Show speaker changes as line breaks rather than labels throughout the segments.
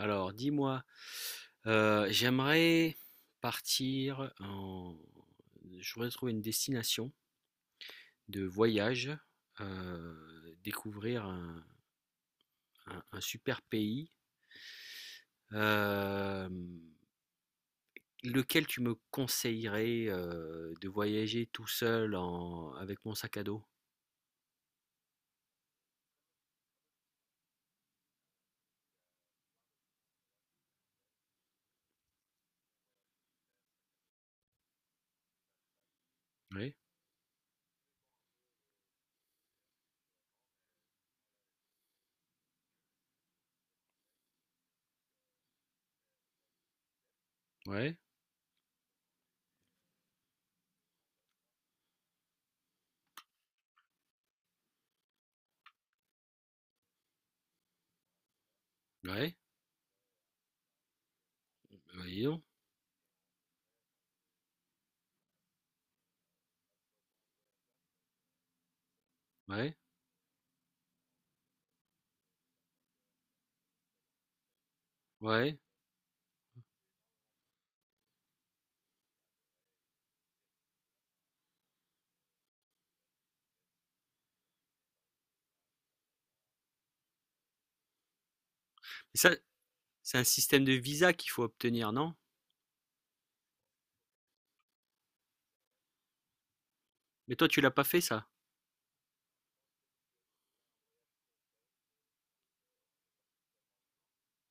Alors, dis-moi, j'aimerais partir en... Je voudrais trouver une destination de voyage, découvrir un super pays. Euh, Lequel tu me conseillerais de voyager tout seul en... avec mon sac à dos? Ouais, ouais, ouais, bah dis donc, ouais, ouais. Et ça, c'est un système de visa qu'il faut obtenir, non? Mais toi, tu l'as pas fait, ça?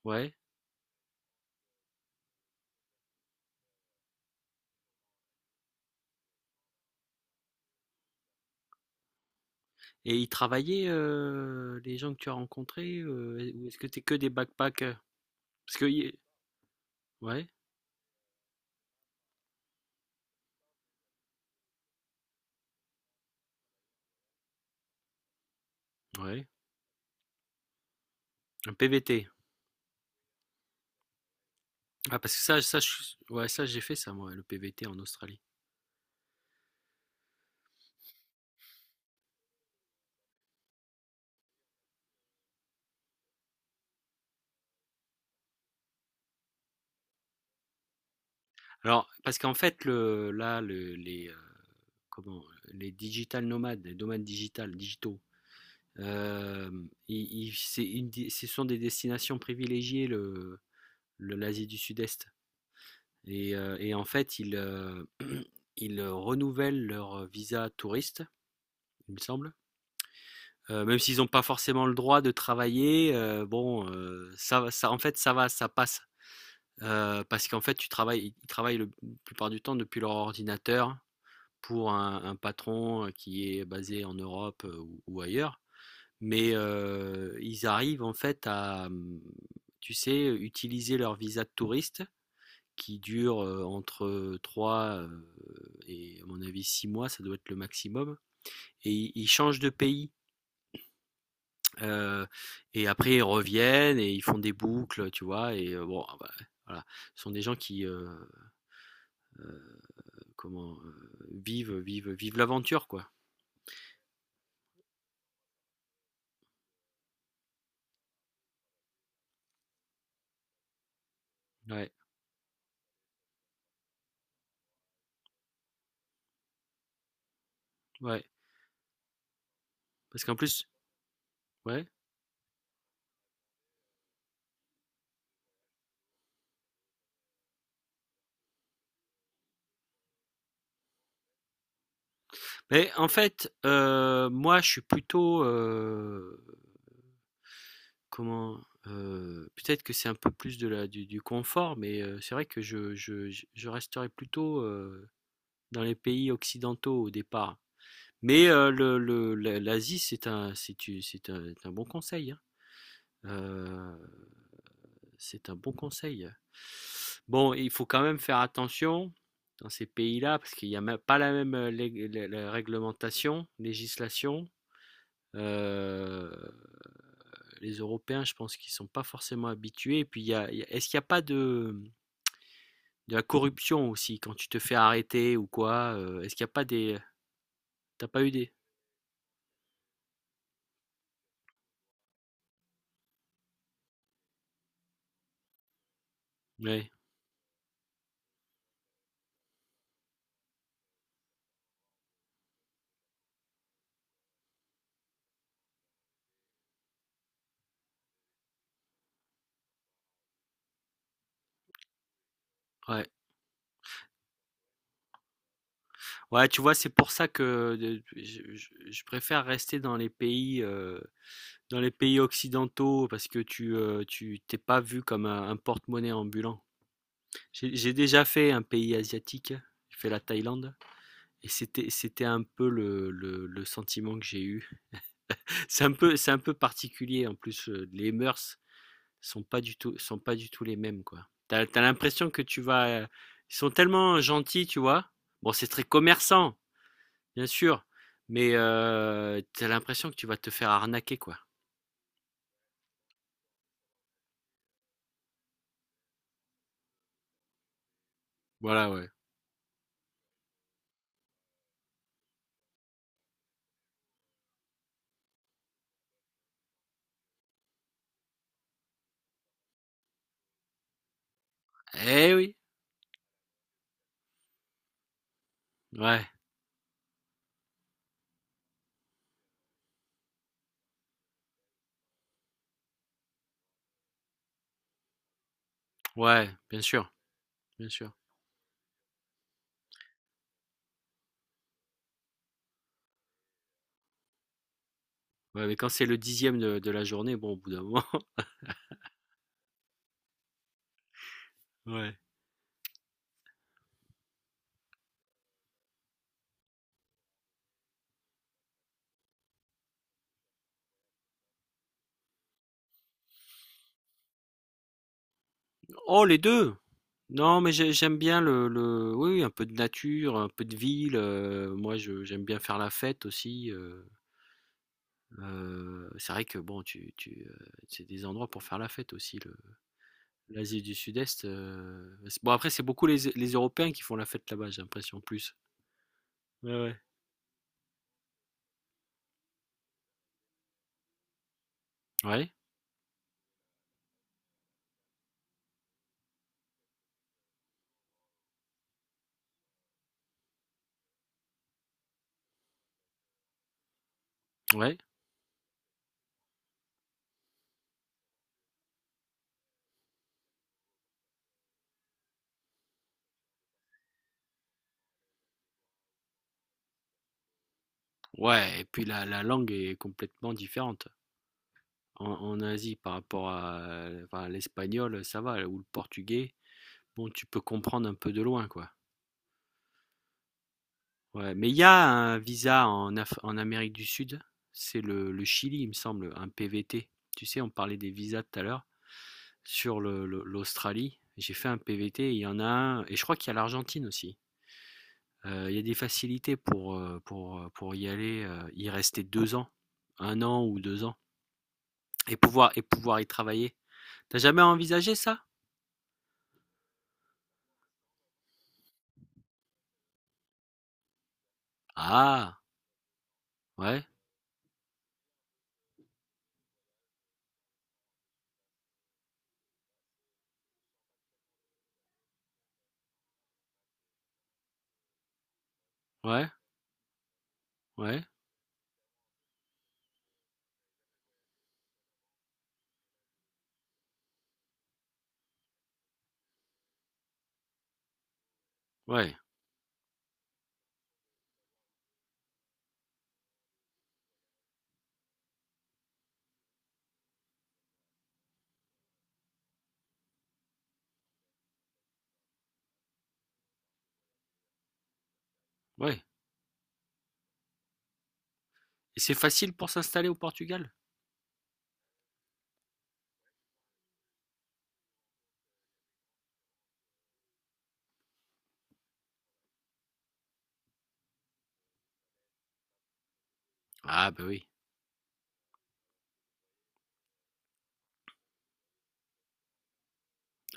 Ouais. Et ils travaillaient, les gens que tu as rencontrés, ou est-ce que t'es que des backpackers? Parce que y Ouais, ouais, un PVT. Ah parce que ça je suis ouais, ça j'ai fait ça moi, le PVT en Australie. Alors parce qu'en fait le là le les, comment? Les digital nomades, les nomades digital digitaux, ils c'est une des ce sont des destinations privilégiées le l'Asie du Sud-Est et en fait ils, ils renouvellent leur visa touriste, il me semble. Même s'ils n'ont pas forcément le droit de travailler, bon, ça, en fait, ça va, ça passe. Parce qu'en fait, ils travaillent la plupart du temps depuis leur ordinateur pour un patron qui est basé en Europe ou ailleurs. Mais ils arrivent en fait à, tu sais, utiliser leur visa de touriste qui dure entre 3 et à mon avis 6 mois, ça doit être le maximum. Et ils changent de pays. Heu et après ils reviennent et ils font des boucles, tu vois? Et bon, bah, voilà, ce sont des gens qui, comment, vivent l'aventure, quoi. Ouais, ouais, parce qu'en plus ouais. Mais en fait, moi je suis plutôt, comment, peut-être que c'est un peu plus de la du confort, mais c'est vrai que je resterai plutôt, dans les pays occidentaux au départ. Mais le l'A l'Asie c'est un bon conseil, hein. Euh, c'est un bon conseil. Bon, il faut quand même faire attention dans ces pays-là parce qu'il n'y a pas la même réglementation, législation. Euh, les Européens, je pense qu'ils ne sont pas forcément habitués. Et puis, est-ce qu'il n'y a pas de la corruption aussi quand tu te fais arrêter ou quoi? Est-ce qu'il n'y a pas des... T'as pas eu des... Ouais. Ouais. Ouais, tu vois, c'est pour ça que je préfère rester dans les pays dans les pays occidentaux, parce que tu t'es pas vu comme un porte-monnaie ambulant. J'ai déjà fait un pays asiatique, j'ai fait la Thaïlande, et c'était un peu le sentiment que j'ai eu. C'est un peu particulier, en plus, les mœurs sont pas du tout les mêmes, quoi. T'as l'impression que tu vas... Ils sont tellement gentils, tu vois. Bon, c'est très commerçant, bien sûr, mais t'as l'impression que tu vas te faire arnaquer, quoi. Voilà, ouais. Eh oui, ouais. Ouais, bien sûr, bien sûr. Ouais, mais quand c'est le dixième de la journée, bon, au bout d'un moment. Ouais. Oh, les deux! Non, mais j'aime bien oui, oui, un peu de nature, un peu de ville. Moi, j'aime bien faire la fête aussi. C'est vrai que, bon, c'est des endroits pour faire la fête aussi. L'Asie du Sud-Est. Bon, après, c'est beaucoup les Européens qui font la fête là-bas, j'ai l'impression, plus. Ouais, ouais. Ouais, ouais. Ouais, et puis la langue est complètement différente. En Asie, par rapport à, enfin, l'espagnol, ça va, ou le portugais, bon, tu peux comprendre un peu de loin, quoi. Ouais, mais il y a un visa en Amérique du Sud, c'est le Chili, il me semble, un PVT. Tu sais, on parlait des visas tout à l'heure, sur l'Australie, j'ai fait un PVT, il y en a un, et je crois qu'il y a l'Argentine aussi. Il y a des facilités pour, pour y aller, y rester deux ans, un an ou deux ans, et pouvoir y travailler. T'as jamais envisagé ça? Ah, ouais. Ouais, ouais, ouais, ouais. Et c'est facile pour s'installer au Portugal? Ah bah oui.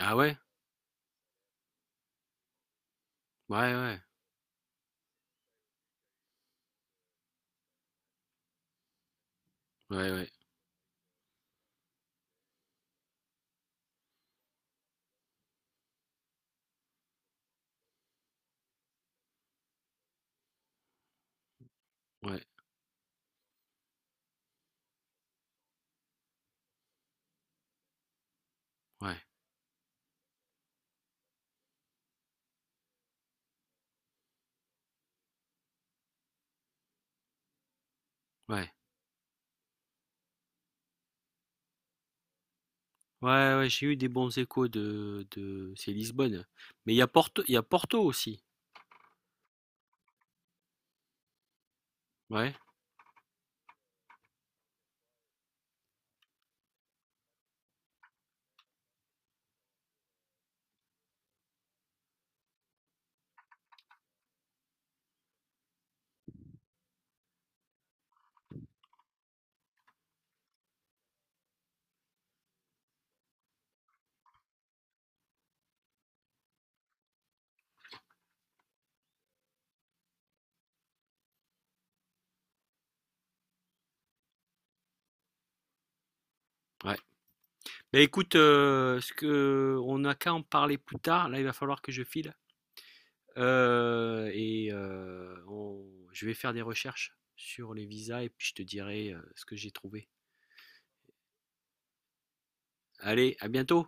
Ah ouais? Ouais, ouais. Ouais, ouais. Ouais, ouais. Ouais. Ouais, ouais, j'ai eu des bons échos de... C'est Lisbonne. Mais il y a Porto, il y a Porto aussi. Ouais, ouais. Mais écoute, ce que on n'a qu'à en parler plus tard. Là, il va falloir que je file. Et je vais faire des recherches sur les visas et puis je te dirai ce que j'ai trouvé. Allez, à bientôt!